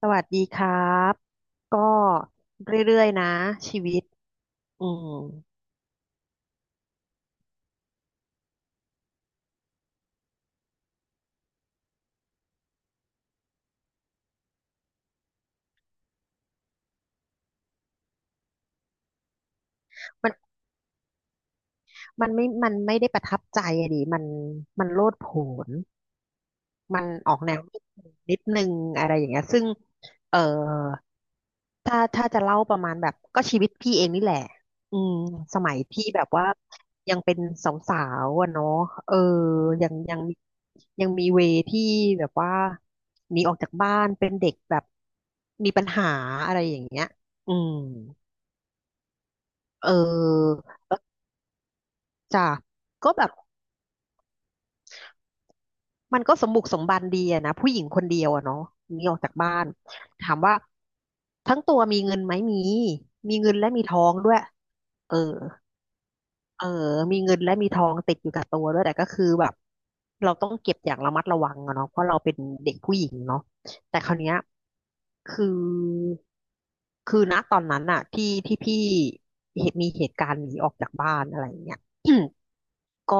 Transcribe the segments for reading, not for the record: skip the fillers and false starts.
สวัสดีครับก็เรื่อยๆนะชีวิตอืมมันมันไม่ได้ประทับใจอะดิมันโลดโผนมันออกแนวนิดนึงอะไรอย่างเงี้ยซึ่งเออถ้าจะเล่าประมาณแบบก็ชีวิตพี่เองนี่แหละอืมสมัยพี่แบบว่ายังเป็นสาวๆอะเนาะเออยังมีเวที่แบบว่าหนีออกจากบ้านเป็นเด็กแบบมีปัญหาอะไรอย่างเงี้ยอืม เออจ้ะก็แบบมันก็สมบุกสมบันดีอะนะผู้หญิงคนเดียวอะเนาะหนีออกจากบ้านถามว่าทั้งตัวมีเงินไหมมีเงินและมีทองด้วยเออเออมีเงินและมีทองติดอยู่กับตัวด้วยแต่ก็คือแบบเราต้องเก็บอย่างระมัดระวังอะเนาะเพราะเราเป็นเด็กผู้หญิงเนาะแต่คราวเนี้ยคือคือณตอนนั้นอะที่พี่เหตุมีเหตุการณ์หนีออกจากบ้านอะไรอย่างเงี้ย ก็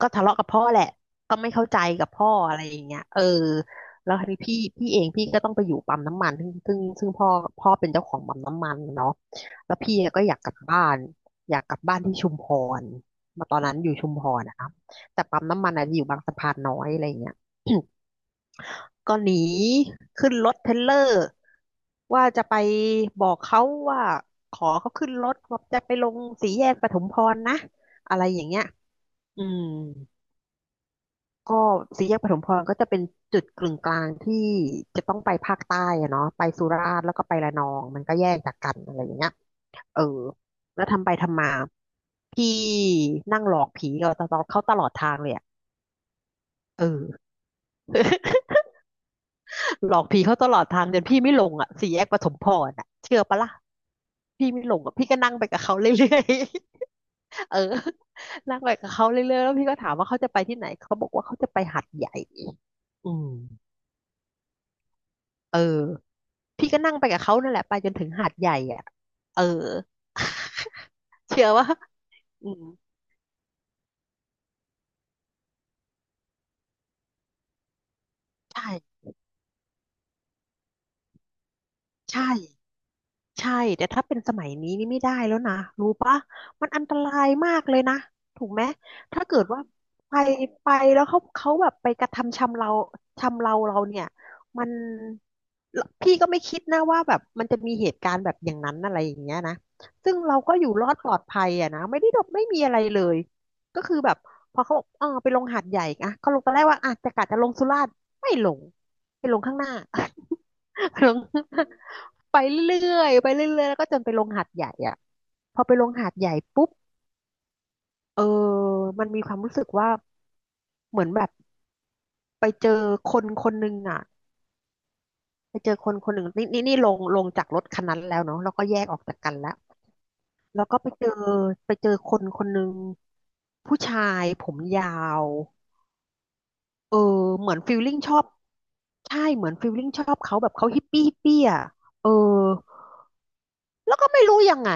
ก็ทะเลาะกับพ่อแหละก็ไม่เข้าใจกับพ่ออะไรอย่างเงี้ยเออแล้วทีนี้พี่เองพี่ก็ต้องไปอยู่ปั๊มน้ำมันซึ่งพ่อเป็นเจ้าของปั๊มน้ำมันเนาะแล้วพี่ก็อยากกลับบ้านอยากกลับบ้านที่ชุมพรมาตอนนั้นอยู่ชุมพรนะครับแต่ปั๊มน้ำมันอาจจะอยู่บางสะพานน้อยอะไรอย่างเงี้ย ก็หนีขึ้นรถเทรลเลอร์ว่าจะไปบอกเขาว่าขอเขาขึ้นรถว่าจะไปลงสี่แยกปทุมพรนะอะไรอย่างเงี้ยอืม ก็สี่แยกปฐมพรก็จะเป็นจุดกึ่งกลางที่จะต้องไปภาคใต้อะเนาะไปสุราษฎร์แล้วก็ไประนองมันก็แยกจากกันอะไรอย่างเงี้ยเออแล้วทำไปทำมาพี่นั่งหลอกผีเราตลอดเขาตลอดทางเลยอะเออ หลอกผีเขาตลอดทางจนพี่ไม่ลงอ่ะสี่แยกปฐมพรอ่ะเชื่อปะล่ะพี่ไม่ลงอ่ะพี่ก็นั่งไปกับเขาเรื่อยๆ เออนั่งไปกับเขาเรื่อยๆแล้วพี่ก็ถามว่าเขาจะไปที่ไหนเขาบอกว่าเขาจะไปหาดใหญ่อืมเออ พี่ก็นั่งไปกับเขานั่นแหละไปจนถึงหาดใหญ่อ่ะเออ เชื่อว่าอืมใช่ใช่ ใช่แต่ถ้าเป็นสมัยนี้นี่ไม่ได้แล้วนะรู้ปะมันอันตรายมากเลยนะถูกไหมถ้าเกิดว่าไปไปแล้วเขาแบบไปกระทำชำเราเราเนี่ยมันพี่ก็ไม่คิดนะว่าแบบมันจะมีเหตุการณ์แบบอย่างนั้นอะไรอย่างเงี้ยนะซึ่งเราก็อยู่รอดปลอดภัยอะนะไม่ได้ดบไม่มีอะไรเลยก็คือแบบพอเขาบอกเออไปลงหาดใหญ่อะเขาลงตอนแรกว่าอ่ะจะจะลงสุราษฎร์ไม่ลงไปลงข้างหน้า ไปลง ไปเรื่อยๆไปเรื่อยๆแล้วก็จนไปลงหาดใหญ่อ่ะพอไปลงหาดใหญ่ปุ๊บเออมันมีความรู้สึกว่าเหมือนแบบไปเจอคนคนหนึ่งอ่ะไปเจอคนคนหนึ่งนี่ลงจากรถคันนั้นแล้วเนาะแล้วก็แยกออกจากกันแล้วแล้วก็ไปเจอไปเจอคนคนหนึ่งผู้ชายผมยาวเออเหมือนฟิลลิ่งชอบใช่เหมือนฟิลลิ่งชอบเขาแบบเขาฮิปปี้อ่ะเออ แล้วก็ไม่รู้ยังไง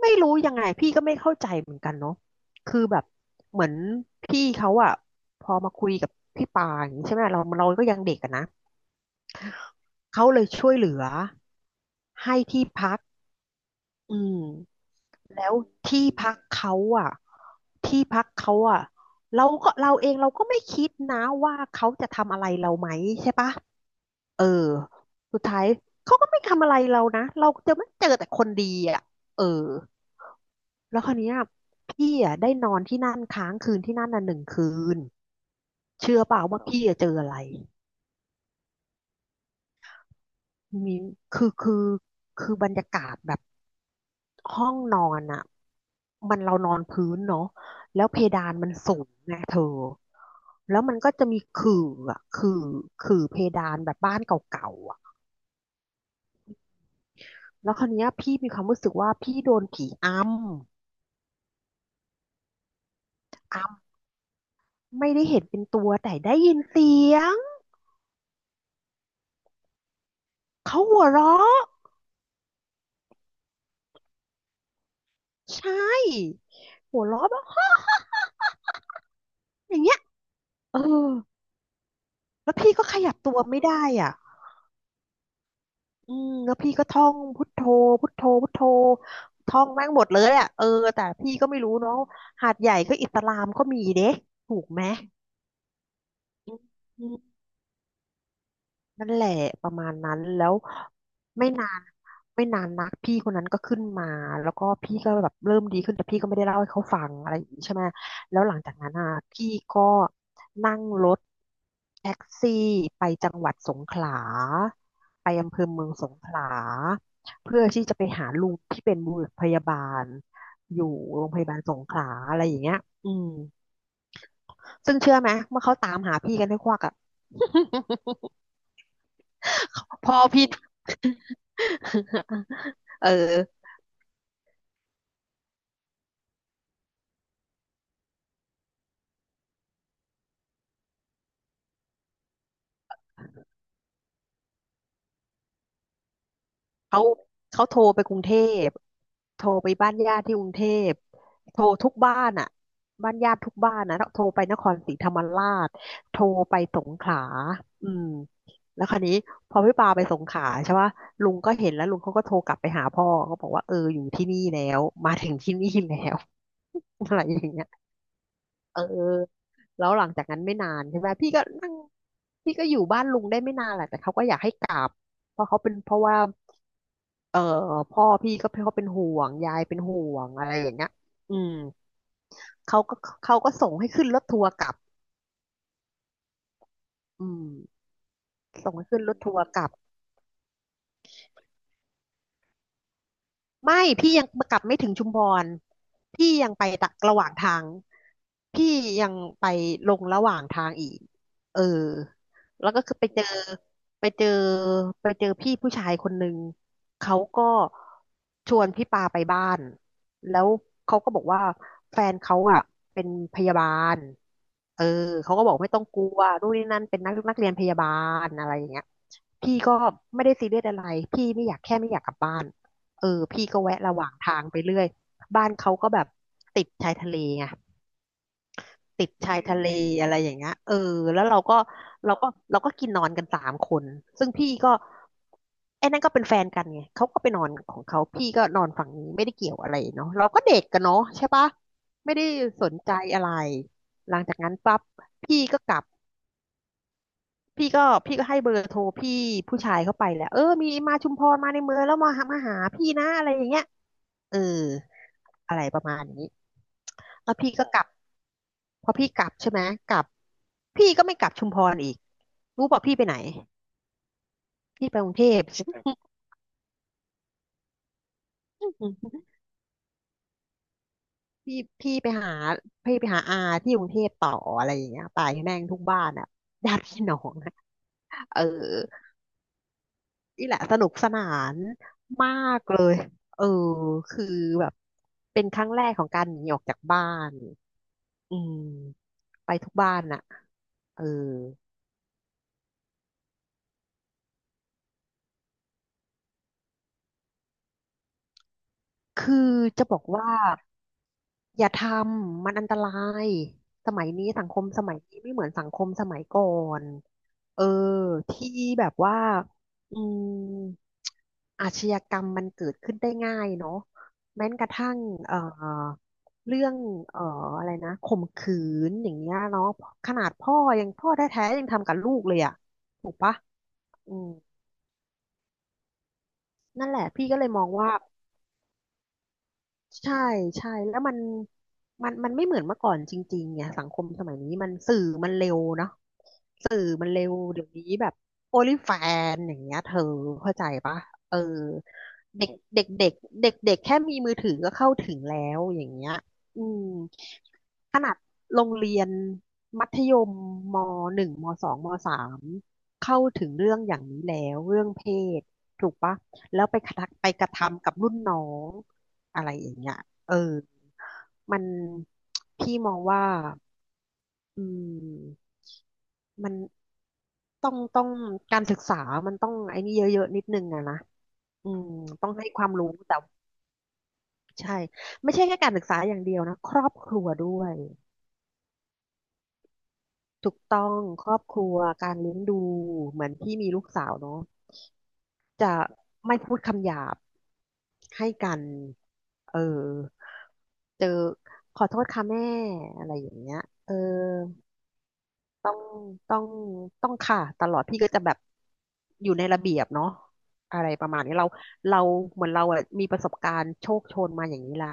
ไม่รู้ยังไงพี่ก็ไม่เข้าใจเหมือนกันเนาะคือแบบเหมือนพี่เขาอะพอมาคุยกับพี่ปาอย่างนี้ใช่ไหมเราก็ยังเด็กอะนะเขาเลยช่วยเหลือให้ที่พักอืมแล้วที่พักเขาอะที่พักเขาอะเราก็เราเองเราก็ไม่คิดนะว่าเขาจะทำอะไรเราไหมใช่ปะเออสุดท้ายเขาก็ไม่ทำอะไรเรานะเราจะไม่เจอแต่คนดีอะเออ แล้วคราวเนี้ยพี่อ่ะได้นอนที่นั่นค้างคืนที่นั่นน่ะหนึ่งคืนเชื่อเปล่าว่าพี่อะเจออะไรมีคือคือคือบรรยากาศแบบห้องนอนอ่ะมันเรานอนพื้นเนาะแล้วเพดานมันสูงไงเธอแล้วมันก็จะมีขื่ออ่ะขื่อเพดานแบบบ้านเก่าๆอ่ะแล้วคราวเนี้ยพี่มีความรู้สึกว่าพี่โดนผีอำอำไม่ได้เห็นเป็นตัวแต่ได้ยินเสียงเขาหัวเราะใช่หัวเราะแบบ อย่างเงี้ยเออแล้วพี่ก็ขยับตัวไม่ได้อ่ะอืมแล้วพี่ก็ท่องพุทโธพุทโธท่องแม่งหมดเลยอ่ะเออแต่พี่ก็ไม่รู้เนาะหาดใหญ่ก็อิสลามก็มีเด้ถูกไหมอืม นั่นแหละประมาณนั้นแล้วไม่นานไม่นานนักพี่คนนั้นก็ขึ้นมาแล้วก็พี่ก็แบบเริ่มดีขึ้นแต่พี่ก็ไม่ได้เล่าให้เขาฟังอะไรอย่างนี้ใช่ไหมแล้วหลังจากนั้นอ่ะพี่ก็นั่งรถแท็กซี่ไปจังหวัดสงขลาไปอำเภอเมืองสงขลาเพื่อที่จะไปหาลุงที่เป็นบุรุษพยาบาลอยู่โรงพยาบาลสงขลาอะไรอย่างเงี้ยอืมซึ่งเชื่อไหมเมื่อเขาตามหาพี่กันให้ควักอ่ะ พ่อพี่ เออเขาเขาโทรไปกรุงเทพโทรไปบ้านญาติที่กรุงเทพโทรทุกบ้านอ่ะบ้านญาติทุกบ้านนะแล้วโทรไปนครศรีธรรมราชโทรไปสงขลาอืมแล้วคราวนี้พอพี่ปาไปสงขลาใช่ปะลุงก็เห็นแล้วลุงเขาก็โทรกลับไปหาพ่อเขาบอกว่าเอออยู่ที่นี่แล้วมาถึงที่นี่แล้ว อะไรอย่างเงี้ย เออแล้วหลังจากนั้นไม่นานใช่ไหมพี่ก็นั่งพี่ก็อยู่บ้านลุงได้ไม่นานแหละแต่เขาก็อยากให้กลับเพราะเขาเป็นเพราะว่าเออพ่อพี่ก็เขาเป็นห่วงยายเป็นห่วงอะไรอย่างเงี้ยอืมเขาก็เขาก็ส่งให้ขึ้นรถทัวร์กลับอืมส่งให้ขึ้นรถทัวร์กลับ ไม่พี่ยังกลับไม่ถึงชุมพรพี่ยังไปตะระหว่างทางพี่ยังไปลงระหว่างทางอีกเออแล้วก็คือไปเจอไปเจอพี่ผู้ชายคนหนึ่งเขาก็ชวนพี่ปาไปบ้านแล้วเขาก็บอกว่าแฟนเขาอ่ะเป็นพยาบาลเออเขาก็บอกไม่ต้องกลัวนู่นนี่นั่นเป็นนักเรียนพยาบาลอะไรอย่างเงี้ยพี่ก็ไม่ได้ซีเรียสอะไรพี่ไม่อยากแค่ไม่อยากกลับบ้าน เออพี่ก็แวะระหว่างทางไปเรื่อยบ้านเขาก็แบบติดชายทะเลไงติดชายทะเลอะไรอย่างเงี้ยเออแล้วเราก็กินนอนกันสามคนซึ่งพี่ก็ไอ้นั่นก็เป็นแฟนกันไงเขาก็ไปนอนของเขาพี่ก็นอนฝั่งนี้ไม่ได้เกี่ยวอะไรเนาะเราก็เด็กกันเนาะใช่ปะไม่ได้สนใจอะไรหลังจากนั้นปั๊บพี่ก็กลับพี่ก็พี่ก็ให้เบอร์โทรพี่ผู้ชายเข้าไปแหละเออมีมาชุมพรมาในเมืองแล้วมาหาพี่นะอะไรอย่างเงี้ย เอออะไรประมาณนี้แล้วพี่ก็กลับพอพี่กลับใช่ไหมกลับพี่ก็ไม่กลับชุมพรอีกรู้ป่ะพี่ไปไหนพี่ไปกรุงเทพ พี่พี่ไปหาพี่ไปหาอาที่กรุงเทพต่ออะไรอย่างเงี้ยตายแม่งทุกบ้านอ่ะญาติพี่น้องอะเออนี่แหละสนุกสนานมากเลยเออคือแบบเป็นครั้งแรกของการหนีออกจากบ้านอืมไปทุกบ้านน่ะเออ คือจะบอกว่าอย่าทำมันอันตรายสมัยนี้สังคมสมัยนี้ไม่เหมือนสังคมสมัยก่อนเออที่แบบว่าอืมอาชญากรรมมันเกิดขึ้นได้ง่ายเนาะแม้กระทั่งเอ่อเรื่องเอ่ออะไรนะข่มขืนอย่างเงี้ยเนาะขนาดพ่อยังพ่อแท้ๆยังทำกับลูกเลยอ่ะถูกปะอืมนั่นแหละพี่ก็เลยมองว่า ใช่ใช่แล้วมันมันไม่เหมือนเมื่อก่อนจริงๆเนี่ยสังคมสมัยนี้มันสื่อมันเร็วเนาะสื่อมันเร็วเดี๋ยวนี้แบบโอลิแฟนอย่างเงี้ยเธอเข้าใจปะเออเด็กเด็กเด็กเด็กเด็กแค่มีมือถือก็เข้าถึงแล้วอย่างเงี้ยอืมขนาดโรงเรียนมัธยมมหนึ่งมสองมสามเข้าถึงเรื่องอย่างนี้แล้วเรื่องเพศถูกปะ แล้วไปกระทำกับรุ่นน้องอะไรอย่างเงี้ยเออมันพี่มองว่าอืมมันต้องการศึกษามันต้องไอ้นี่เยอะๆนิดนึงอะนะอืมต้องให้ความรู้แต่ใช่ไม่ใช่แค่การศึกษาอย่างเดียวนะครอบครัวด้วยถูกต้องครอบครัวการเลี้ยงดูเหมือนพี่มีลูกสาวเนาะ จะไม่พูดคำหยาบให้กันเออเจอขอโทษค่ะแม่อะไรอย่างเงี้ยเออต้องต้องต้องค่ะตลอดพี่ก็จะแบบอยู่ในระเบียบเนาะอะไรประมาณนี้เราเราเหมือนเราอะมีประสบการณ์โชคโชนมาอย่างนี้ละ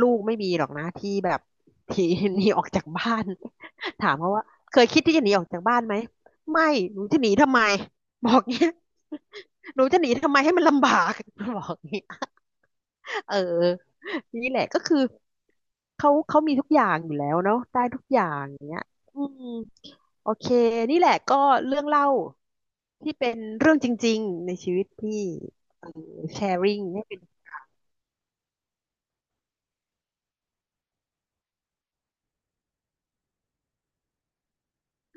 ลูกไม่มีหรอกนะที่แบบ ที่ หนีออกจากบ้าน ถามเขาว่าเคยคิดที่จะหนีออกจากบ้านไหมไม่หนูจะหนีทำไมบอกเนี้ย หนูจะหนีทำไมให้มันลำบาก บอกเนี้ย เออนี่แหละก็คือเขามีทุกอย่างอยู่แล้วเนาะได้ทุกอย่างอย่างเงี้ยอืมโอเคนี่แหละก็เรื่องเล่าที่เป็นเรื่องจริงๆในชีวิตพี่เออแชร์ริงให้เป็น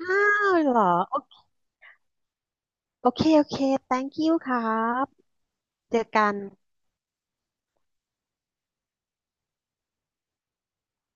อ้าวเหรอโอ โอเค โอเค thank you ครับ เจอกัน